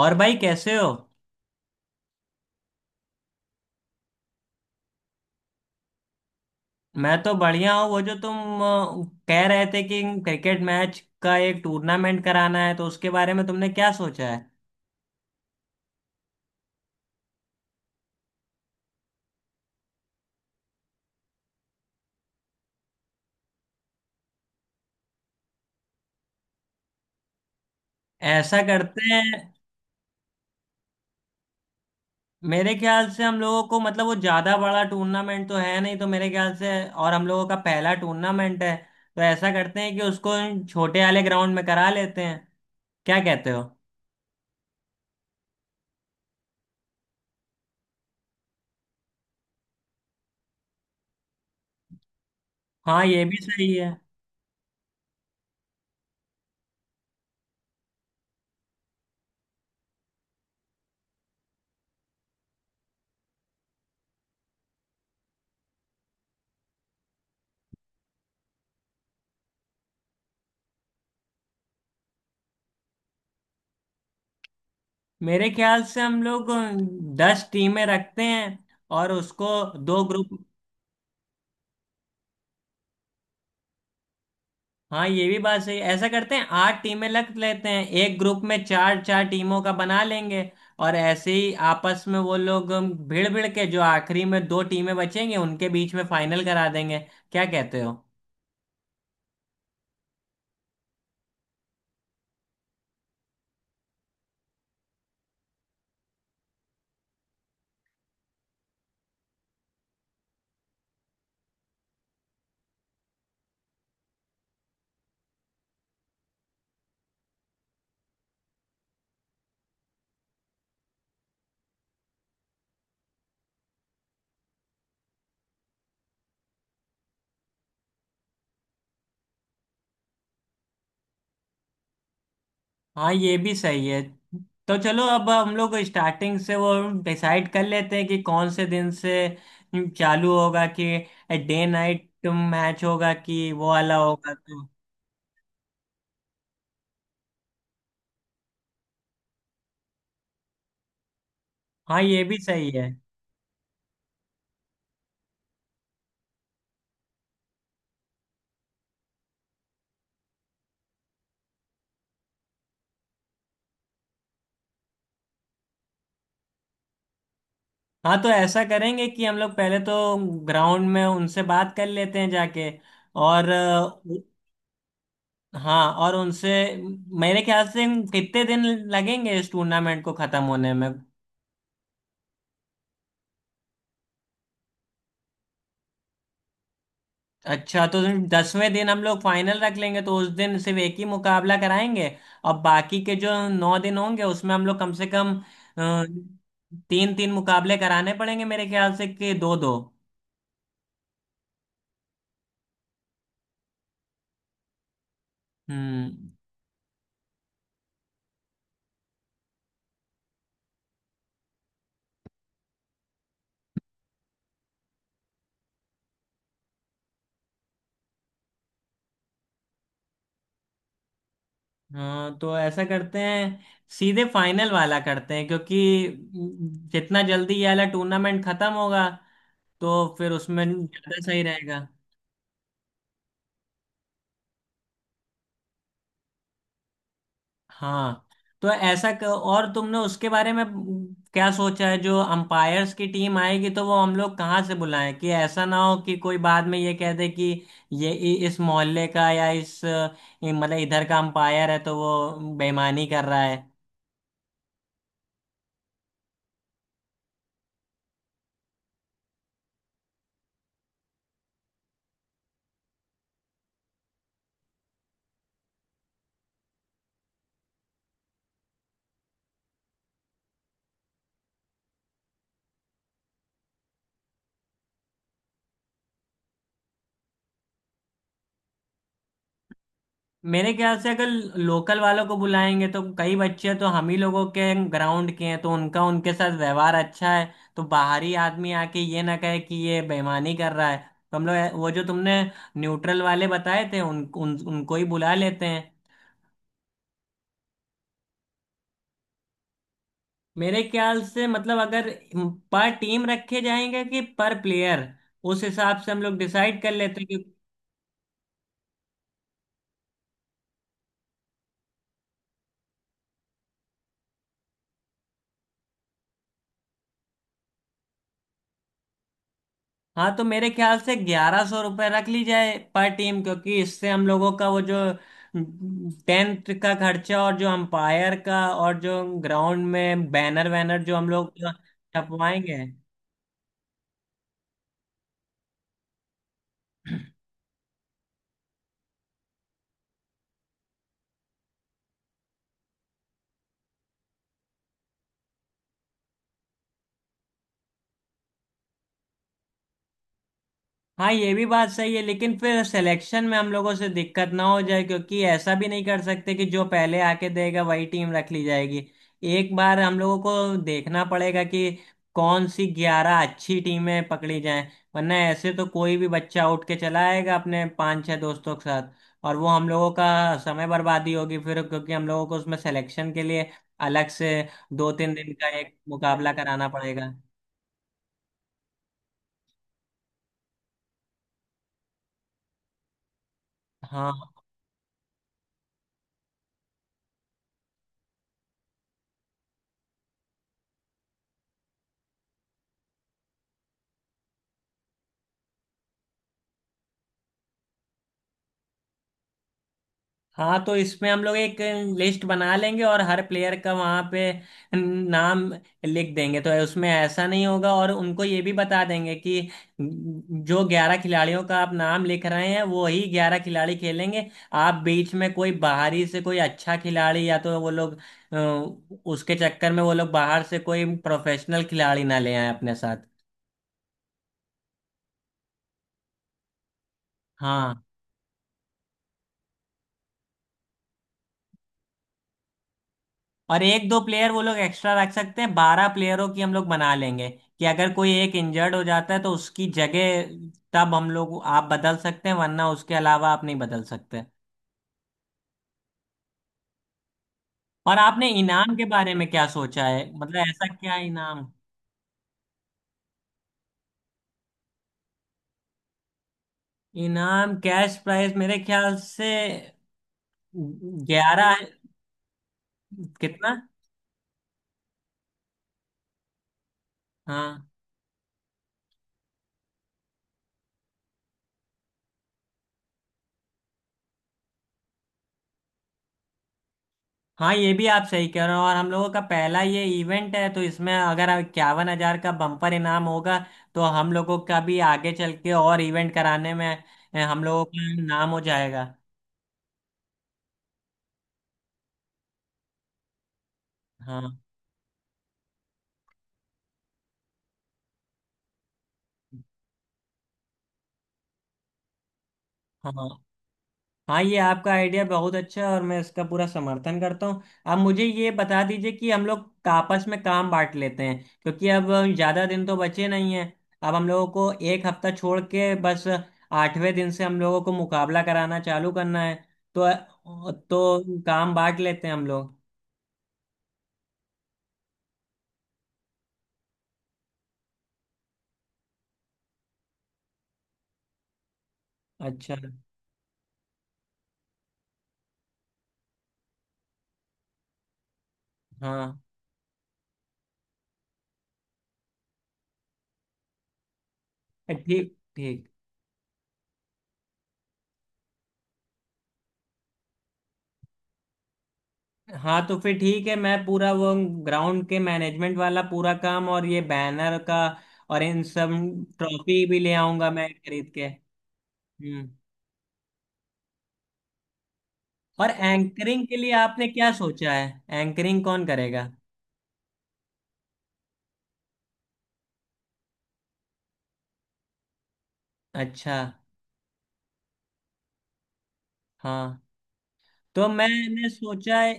और भाई कैसे हो? मैं तो बढ़िया हूँ। वो जो तुम कह रहे थे कि क्रिकेट मैच का एक टूर्नामेंट कराना है, तो उसके बारे में तुमने क्या सोचा है? ऐसा करते हैं। मेरे ख्याल से हम लोगों को, मतलब, वो ज्यादा बड़ा टूर्नामेंट तो है नहीं, तो मेरे ख्याल से, और हम लोगों का पहला टूर्नामेंट है। तो ऐसा करते हैं कि उसको छोटे वाले ग्राउंड में करा लेते हैं। क्या कहते हो? हाँ, ये भी सही है। मेरे ख्याल से हम लोग 10 टीमें रखते हैं, और उसको दो ग्रुप। हाँ, ये भी बात सही है। ऐसा करते हैं, आठ टीमें रख लेते हैं, एक ग्रुप में चार चार टीमों का बना लेंगे। और ऐसे ही आपस में वो लोग भिड़ भिड़ के, जो आखिरी में दो टीमें बचेंगी, उनके बीच में फाइनल करा देंगे। क्या कहते हो? हाँ, ये भी सही है। तो चलो, अब हम लोग स्टार्टिंग से वो डिसाइड कर लेते हैं कि कौन से दिन से चालू होगा, कि डे नाइट मैच होगा कि वो वाला होगा, तो। हाँ, ये भी सही है। हाँ, तो ऐसा करेंगे कि हम लोग पहले तो ग्राउंड में उनसे बात कर लेते हैं जाके, और हाँ और उनसे, मेरे ख्याल से, कितने दिन लगेंगे इस टूर्नामेंट को खत्म होने में? अच्छा, तो 10वें दिन हम लोग फाइनल रख लेंगे, तो उस दिन सिर्फ एक ही मुकाबला कराएंगे। और बाकी के जो 9 दिन होंगे, उसमें हम लोग कम से कम तीन तीन मुकाबले कराने पड़ेंगे, मेरे ख्याल से, कि दो दो। हम्म। हाँ, तो ऐसा करते हैं, सीधे फाइनल वाला करते हैं, क्योंकि जितना जल्दी ये वाला टूर्नामेंट खत्म होगा, तो फिर उसमें ज्यादा सही रहेगा। हाँ, तो और तुमने उसके बारे में क्या सोचा है, जो अंपायर्स की टीम आएगी, तो वो हम लोग कहाँ से बुलाएं, कि ऐसा ना हो कि कोई बाद में ये कह दे कि ये इस मोहल्ले का या इस मतलब इधर का अंपायर है तो वो बेईमानी कर रहा है। मेरे ख्याल से, अगर लोकल वालों को बुलाएंगे, तो कई बच्चे तो हम ही लोगों के ग्राउंड के हैं, तो उनका उनके साथ व्यवहार अच्छा है, तो बाहरी आदमी आके ये ना कहे कि ये बेईमानी कर रहा है। तो हम लोग वो जो तुमने न्यूट्रल वाले बताए थे, उन, उन उनको ही बुला लेते हैं। मेरे ख्याल से, मतलब, अगर पर टीम रखे जाएंगे कि पर प्लेयर, उस हिसाब से हम लोग डिसाइड कर लेते हैं। हाँ, तो मेरे ख्याल से 1100 रुपये रख ली जाए पर टीम, क्योंकि इससे हम लोगों का वो जो टेंट का खर्चा, और जो अंपायर का, और जो ग्राउंड में बैनर वैनर जो हम लोग छपवाएंगे। हाँ, ये भी बात सही है, लेकिन फिर सिलेक्शन में हम लोगों से दिक्कत ना हो जाए, क्योंकि ऐसा भी नहीं कर सकते कि जो पहले आके देगा वही टीम रख ली जाएगी। एक बार हम लोगों को देखना पड़ेगा कि कौन सी 11 अच्छी टीमें पकड़ी जाएं। वरना ऐसे तो कोई भी बच्चा उठ के चला आएगा अपने पांच छह दोस्तों के साथ। और वो हम लोगों का समय बर्बादी होगी फिर, क्योंकि हम लोगों को उसमें सिलेक्शन के लिए अलग से दो तीन दिन का एक मुकाबला कराना पड़ेगा। हाँ, हाँ। तो इसमें हम लोग एक लिस्ट बना लेंगे और हर प्लेयर का वहाँ पे नाम लिख देंगे, तो उसमें ऐसा नहीं होगा। और उनको ये भी बता देंगे कि जो 11 खिलाड़ियों का आप नाम लिख रहे हैं, वो ही 11 खिलाड़ी खेलेंगे। आप बीच में कोई बाहरी से कोई अच्छा खिलाड़ी, या तो वो लोग, अ, उसके चक्कर में वो लोग बाहर से कोई प्रोफेशनल खिलाड़ी ना ले आए अपने साथ। हाँ, और एक दो प्लेयर वो लोग एक्स्ट्रा रख सकते हैं, 12 प्लेयरों की हम लोग बना लेंगे। कि अगर कोई एक इंजर्ड हो जाता है, तो उसकी जगह तब हम लोग आप बदल सकते हैं, वरना उसके अलावा आप नहीं बदल सकते। और आपने इनाम के बारे में क्या सोचा है? मतलब ऐसा क्या इनाम? इनाम, कैश प्राइस, मेरे ख्याल से ग्यारह। कितना? हाँ, हाँ, ये भी आप सही कह रहे हो, और हम लोगों का पहला ये इवेंट है, तो इसमें अगर 51,000 का बम्पर इनाम होगा, तो हम लोगों का भी आगे चल के और इवेंट कराने में, हम लोगों का नाम हो जाएगा। हाँ, हाँ। हाँ, ये आपका आइडिया बहुत अच्छा है, और मैं इसका पूरा समर्थन करता हूँ। आप मुझे ये बता दीजिए कि हम लोग आपस में काम बांट लेते हैं, क्योंकि अब ज़्यादा दिन तो बचे नहीं हैं। अब हम लोगों को एक हफ्ता छोड़ के बस आठवें दिन से हम लोगों को मुकाबला कराना चालू करना है, तो तो काम बांट लेते हैं हम लोग। अच्छा। हाँ। ठीक, ठीक। हाँ, तो फिर ठीक है। मैं पूरा वो ग्राउंड के मैनेजमेंट वाला पूरा काम, और ये बैनर का, और इन सब। ट्रॉफी भी ले आऊंगा मैं खरीद के। हम्म। और एंकरिंग के लिए आपने क्या सोचा है? एंकरिंग कौन करेगा? अच्छा। हाँ, तो मैंने सोचा है।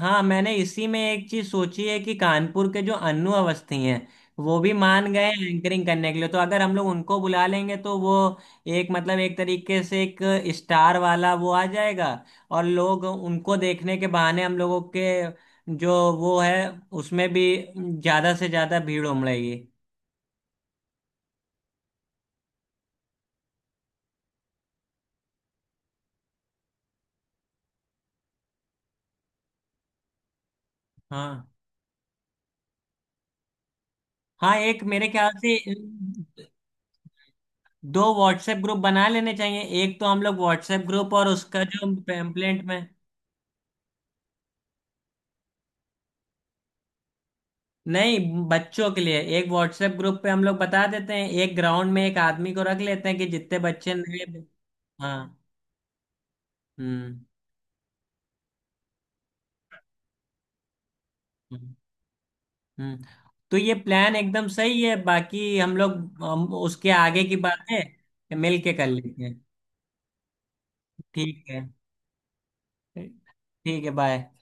हाँ, मैंने इसी में एक चीज सोची है कि कानपुर के जो अन्नू अवस्थी हैं, वो भी मान गए हैं एंकरिंग करने के लिए। तो अगर हम लोग उनको बुला लेंगे, तो वो एक मतलब एक तरीके से एक स्टार वाला वो आ जाएगा। और लोग उनको देखने के बहाने हम लोगों के, जो वो है, उसमें भी ज्यादा से ज्यादा भीड़ उमड़ेगी। हाँ, हाँ। एक मेरे ख्याल से दो व्हाट्सएप ग्रुप बना लेने चाहिए, एक तो हम लोग व्हाट्सएप ग्रुप और उसका जो पैम्पलेट में। नहीं, बच्चों के लिए एक व्हाट्सएप ग्रुप पे हम लोग बता देते हैं, एक ग्राउंड में एक आदमी को रख लेते हैं कि जितने बच्चे नए। हाँ। हम्म। हम्म। हम्म। तो ये प्लान एकदम सही है, बाकी हम उसके आगे की बातें मिल के कर लेते हैं। ठीक है। ठीक है, बाय।